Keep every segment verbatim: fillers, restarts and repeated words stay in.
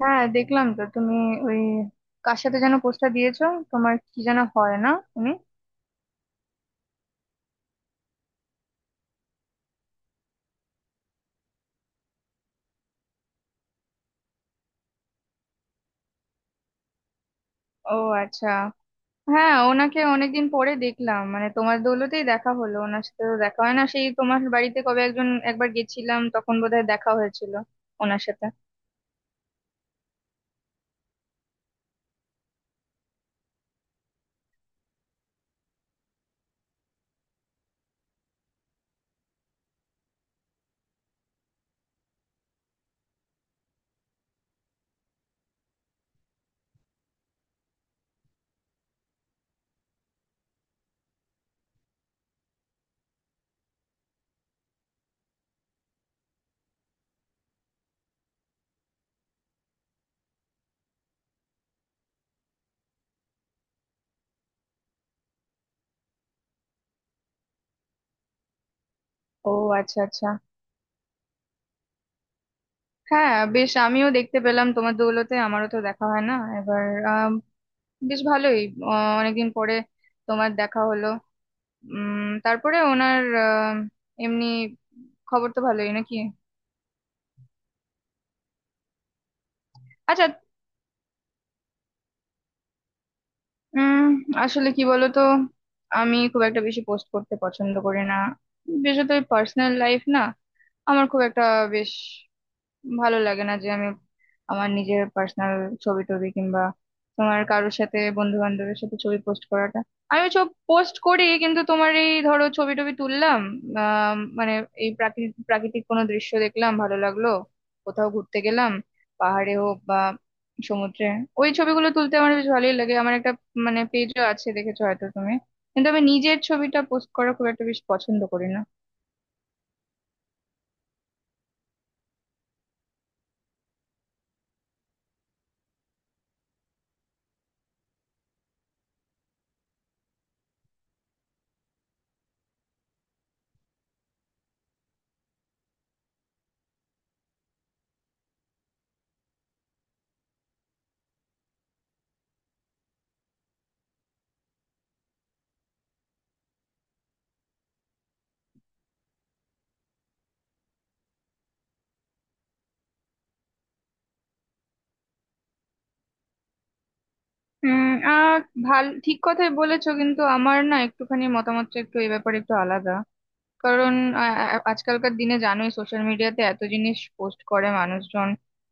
হ্যাঁ, দেখলাম। তো তুমি ওই কার সাথে যেন পোস্টটা দিয়েছো? তোমার কি যেন হয় না? উনি... ও, আচ্ছা। হ্যাঁ, ওনাকে অনেকদিন পরে দেখলাম, মানে তোমার দৌলতেই দেখা হলো। ওনার সাথে তো দেখা হয় না, সেই তোমার বাড়িতে কবে একজন একবার গেছিলাম তখন বোধহয় দেখা হয়েছিল ওনার সাথে। ও, আচ্ছা আচ্ছা। হ্যাঁ বেশ, আমিও দেখতে পেলাম তোমার দৌলতে, আমারও তো দেখা হয় না। এবার আম, বেশ ভালোই। আহ, অনেকদিন পরে তোমার দেখা হলো। উম তারপরে ওনার আহ, এমনি খবর তো ভালোই নাকি? আচ্ছা। উম আসলে কি বলতো, আমি খুব একটা বেশি পোস্ট করতে পছন্দ করি না, বিশেষত পার্সোনাল লাইফ না। আমার খুব একটা বেশ ভালো লাগে না যে আমি আমার নিজের পার্সোনাল ছবি টবি কিংবা তোমার কারোর সাথে, বন্ধু বান্ধবের সাথে ছবি পোস্ট করাটা। আমি সব পোস্ট করি, কিন্তু তোমার এই ধরো ছবি টবি তুললাম, আহ মানে এই প্রাকৃতিক প্রাকৃতিক কোনো দৃশ্য দেখলাম, ভালো লাগলো, কোথাও ঘুরতে গেলাম, পাহাড়ে হোক বা সমুদ্রে, ওই ছবিগুলো তুলতে আমার বেশ ভালোই লাগে। আমার একটা মানে পেজও আছে, দেখেছো হয়তো তুমি। কিন্তু আমি নিজের ছবিটা পোস্ট করা খুব একটা বেশি পছন্দ করি না। হুম। আহ ভাল, ঠিক কথাই বলেছো, কিন্তু আমার না একটুখানি মতামতটা একটু এই ব্যাপারে একটু আলাদা। কারণ আ- আ- আজকালকার দিনে জানোই, সোশ্যাল মিডিয়াতে এত জিনিস পোস্ট করে মানুষজন,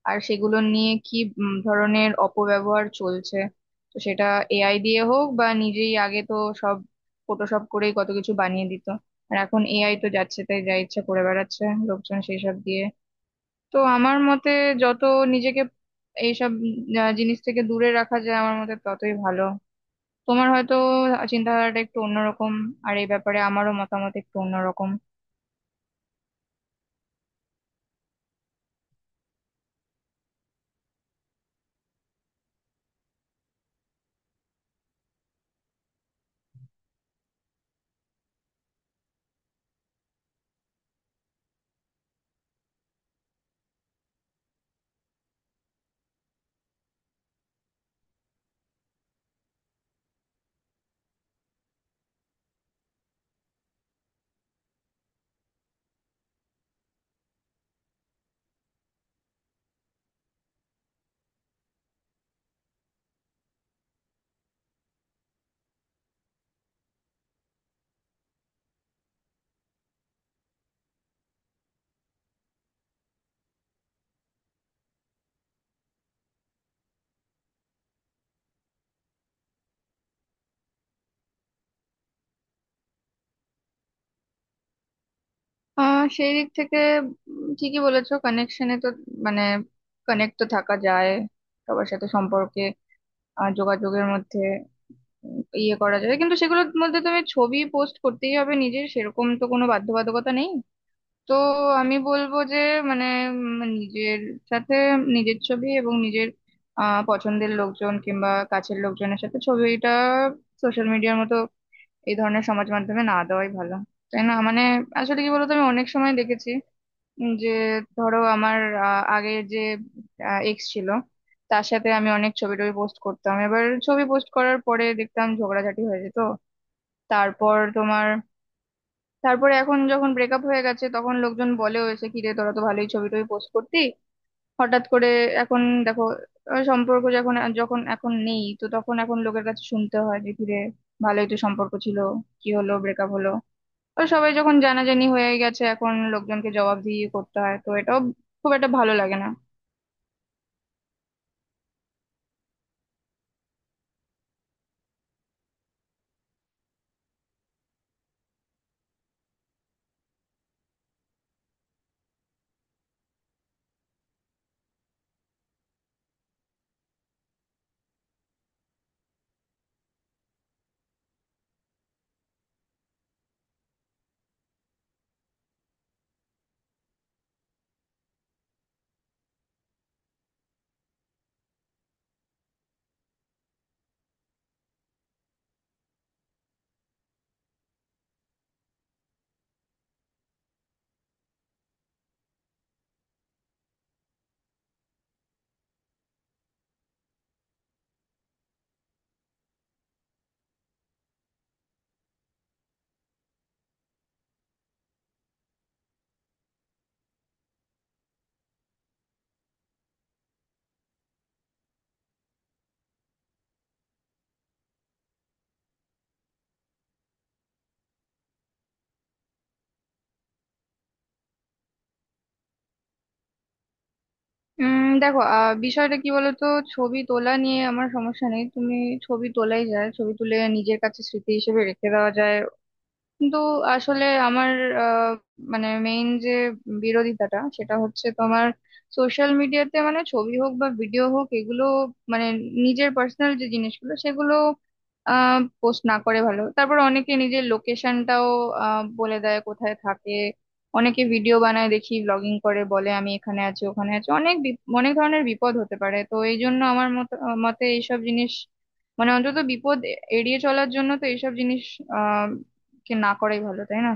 আর সেগুলো নিয়ে কি উম, ধরনের অপব্যবহার চলছে। তো সেটা এআই দিয়ে হোক বা নিজেই, আগে তো সব ফটোশপ করেই কত কিছু বানিয়ে দিত, আর এখন এআই তো যাচ্ছে তাই, যা ইচ্ছা করে বেড়াচ্ছে লোকজন সেই সব দিয়ে। তো আমার মতে যত নিজেকে এইসব উম, আহ, জিনিস থেকে দূরে রাখা যায়, আমার মতে ততই ভালো। তোমার হয়তো চিন্তাধারাটা একটু অন্যরকম, আর এই ব্যাপারে আমারও মতামত একটু অন্যরকম। আহ সেই দিক থেকে উম, ঠিকই বলেছো, কানেকশনে তো মানে কানেক্ট তো থাকা যায় সবার সাথে, সম্পর্কে আহ, যোগাযোগের মধ্যে উম, ইয়ে করা যায়। কিন্তু সেগুলোর মধ্যে তুমি ছবি পোস্ট করতেই হবে নিজের, সেরকম তো কোনো বাধ্যবাধকতা নেই। তো আমি বলবো যে মানে উম, নিজের সাথে নিজের ছবি এবং নিজের আহ পছন্দের লোকজন কিংবা কাছের লোকজনের সাথে ছবিটা সোশ্যাল মিডিয়ার মতো এই ধরনের সমাজ মাধ্যমে না দেওয়াই ভালো, তাই না? মানে আসলে কি বলতো, আমি অনেক সময় দেখেছি যে ধরো আমার আহ, আগের যে এক্স ছিল, তার সাথে আমি অনেক ছবি টবি পোস্ট করতাম, এবার ছবি পোস্ট করার পরে দেখতাম ঝগড়াঝাটি হয়ে যেত। তারপর তোমার, তারপরে এখন যখন ব্রেকআপ হয়ে গেছে তখন লোকজন বলে, হয়েছে কি রে, তোরা তো ভালোই ছবি টবি পোস্ট করতি হঠাৎ করে, এখন দেখো আহ, সম্পর্ক যখন যখন এখন নেই তো তখন এখন লোকের কাছে শুনতে হয় যে কি রে, ভালোই তো সম্পর্ক ছিল, কি হলো, ব্রেকআপ হলো? ওই সবাই যখন জানাজানি হয়ে গেছে এখন লোকজনকে জবাবদিহি করতে হয়, তো এটাও খুব একটা ভালো লাগে না। উম দেখো, আহ বিষয়টা কি বলতো, ছবি তোলা নিয়ে আমার সমস্যা নেই। তুমি ছবি তোলাই যায়, ছবি তুলে নিজের কাছে স্মৃতি হিসেবে রেখে দেওয়া যায়। কিন্তু আসলে আমার আহ, মানে মেইন যে বিরোধিতাটা, সেটা হচ্ছে তোমার সোশ্যাল মিডিয়াতে মানে ছবি হোক বা ভিডিও হোক, এগুলো মানে নিজের পার্সোনাল যে জিনিসগুলো সেগুলো আহ পোস্ট না করে ভালো। তারপর অনেকে নিজের লোকেশনটাও আহ বলে দেয় কোথায় থাকে, অনেকে ভিডিও বানায় দেখি, ব্লগিং করে বলে আমি এখানে আছি ওখানে আছি, অনেক বিপ- অনেক ধরনের বিপদ হতে পারে। তো এই জন্য আমার মত- মতে এইসব জিনিস মানে অন্তত বিপদ এড়িয়ে চলার জন্য তো এইসব জিনিস কে না করাই ভালো, তাই না?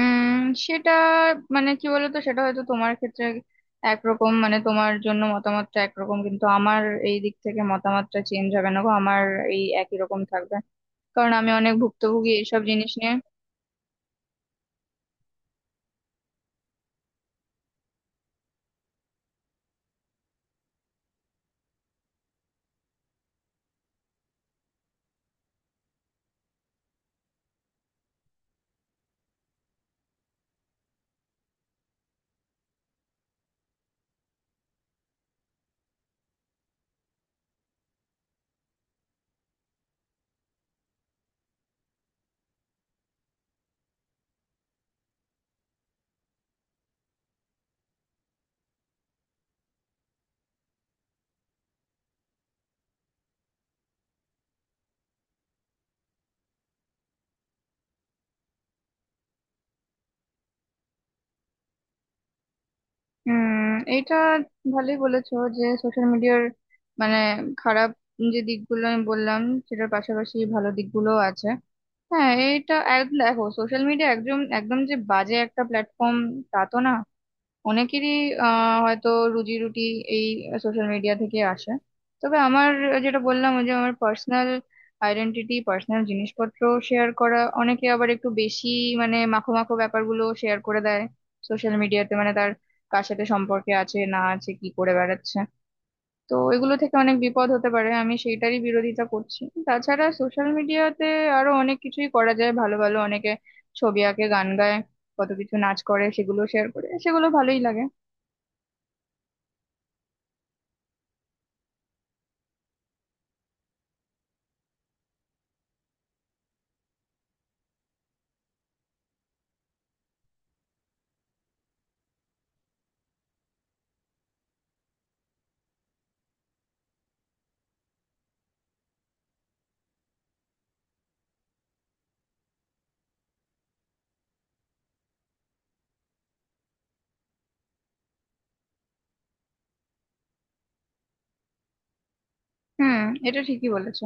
উম সেটা মানে কি বলতো, সেটা হয়তো তোমার ক্ষেত্রে একরকম, মানে তোমার জন্য মতামতটা একরকম, কিন্তু আমার এই দিক থেকে মতামতটা চেঞ্জ হবে না গো। আমার এই একই রকম থাকবে, কারণ আমি অনেক ভুক্তভোগী এইসব জিনিস নিয়ে। উম এইটা ভালোই বলেছো যে সোশ্যাল মিডিয়ার মানে খারাপ যে দিকগুলো আমি বললাম সেটার পাশাপাশি ভালো দিকগুলো আছে। হ্যাঁ এটা এক- দেখো, সোশ্যাল মিডিয়া একদম একদম যে বাজে একটা প্ল্যাটফর্ম তা তো না। অনেকেরই আহ হয়তো রুজি রুটি এই সোশ্যাল মিডিয়া থেকে আসে। তবে আমার যেটা বললাম, ওই যে আমার পার্সোনাল আইডেন্টিটি, পার্সোনাল জিনিসপত্র শেয়ার করা, অনেকে আবার একটু বেশি মানে মাখো মাখো ব্যাপারগুলো শেয়ার করে দেয় সোশ্যাল মিডিয়াতে, মানে তার কার সাথে সম্পর্কে আছে না আছে, কি করে বেড়াচ্ছে, তো এগুলো থেকে অনেক বিপদ হতে পারে, আমি সেইটারই বিরোধিতা করছি। তাছাড়া সোশ্যাল মিডিয়াতে আরো অনেক কিছুই করা যায় ভালো ভালো, অনেকে ছবি আঁকে, গান গায়, কত কিছু, নাচ করে, সেগুলো শেয়ার করে, সেগুলো ভালোই লাগে। হুম, এটা ঠিকই বলেছো।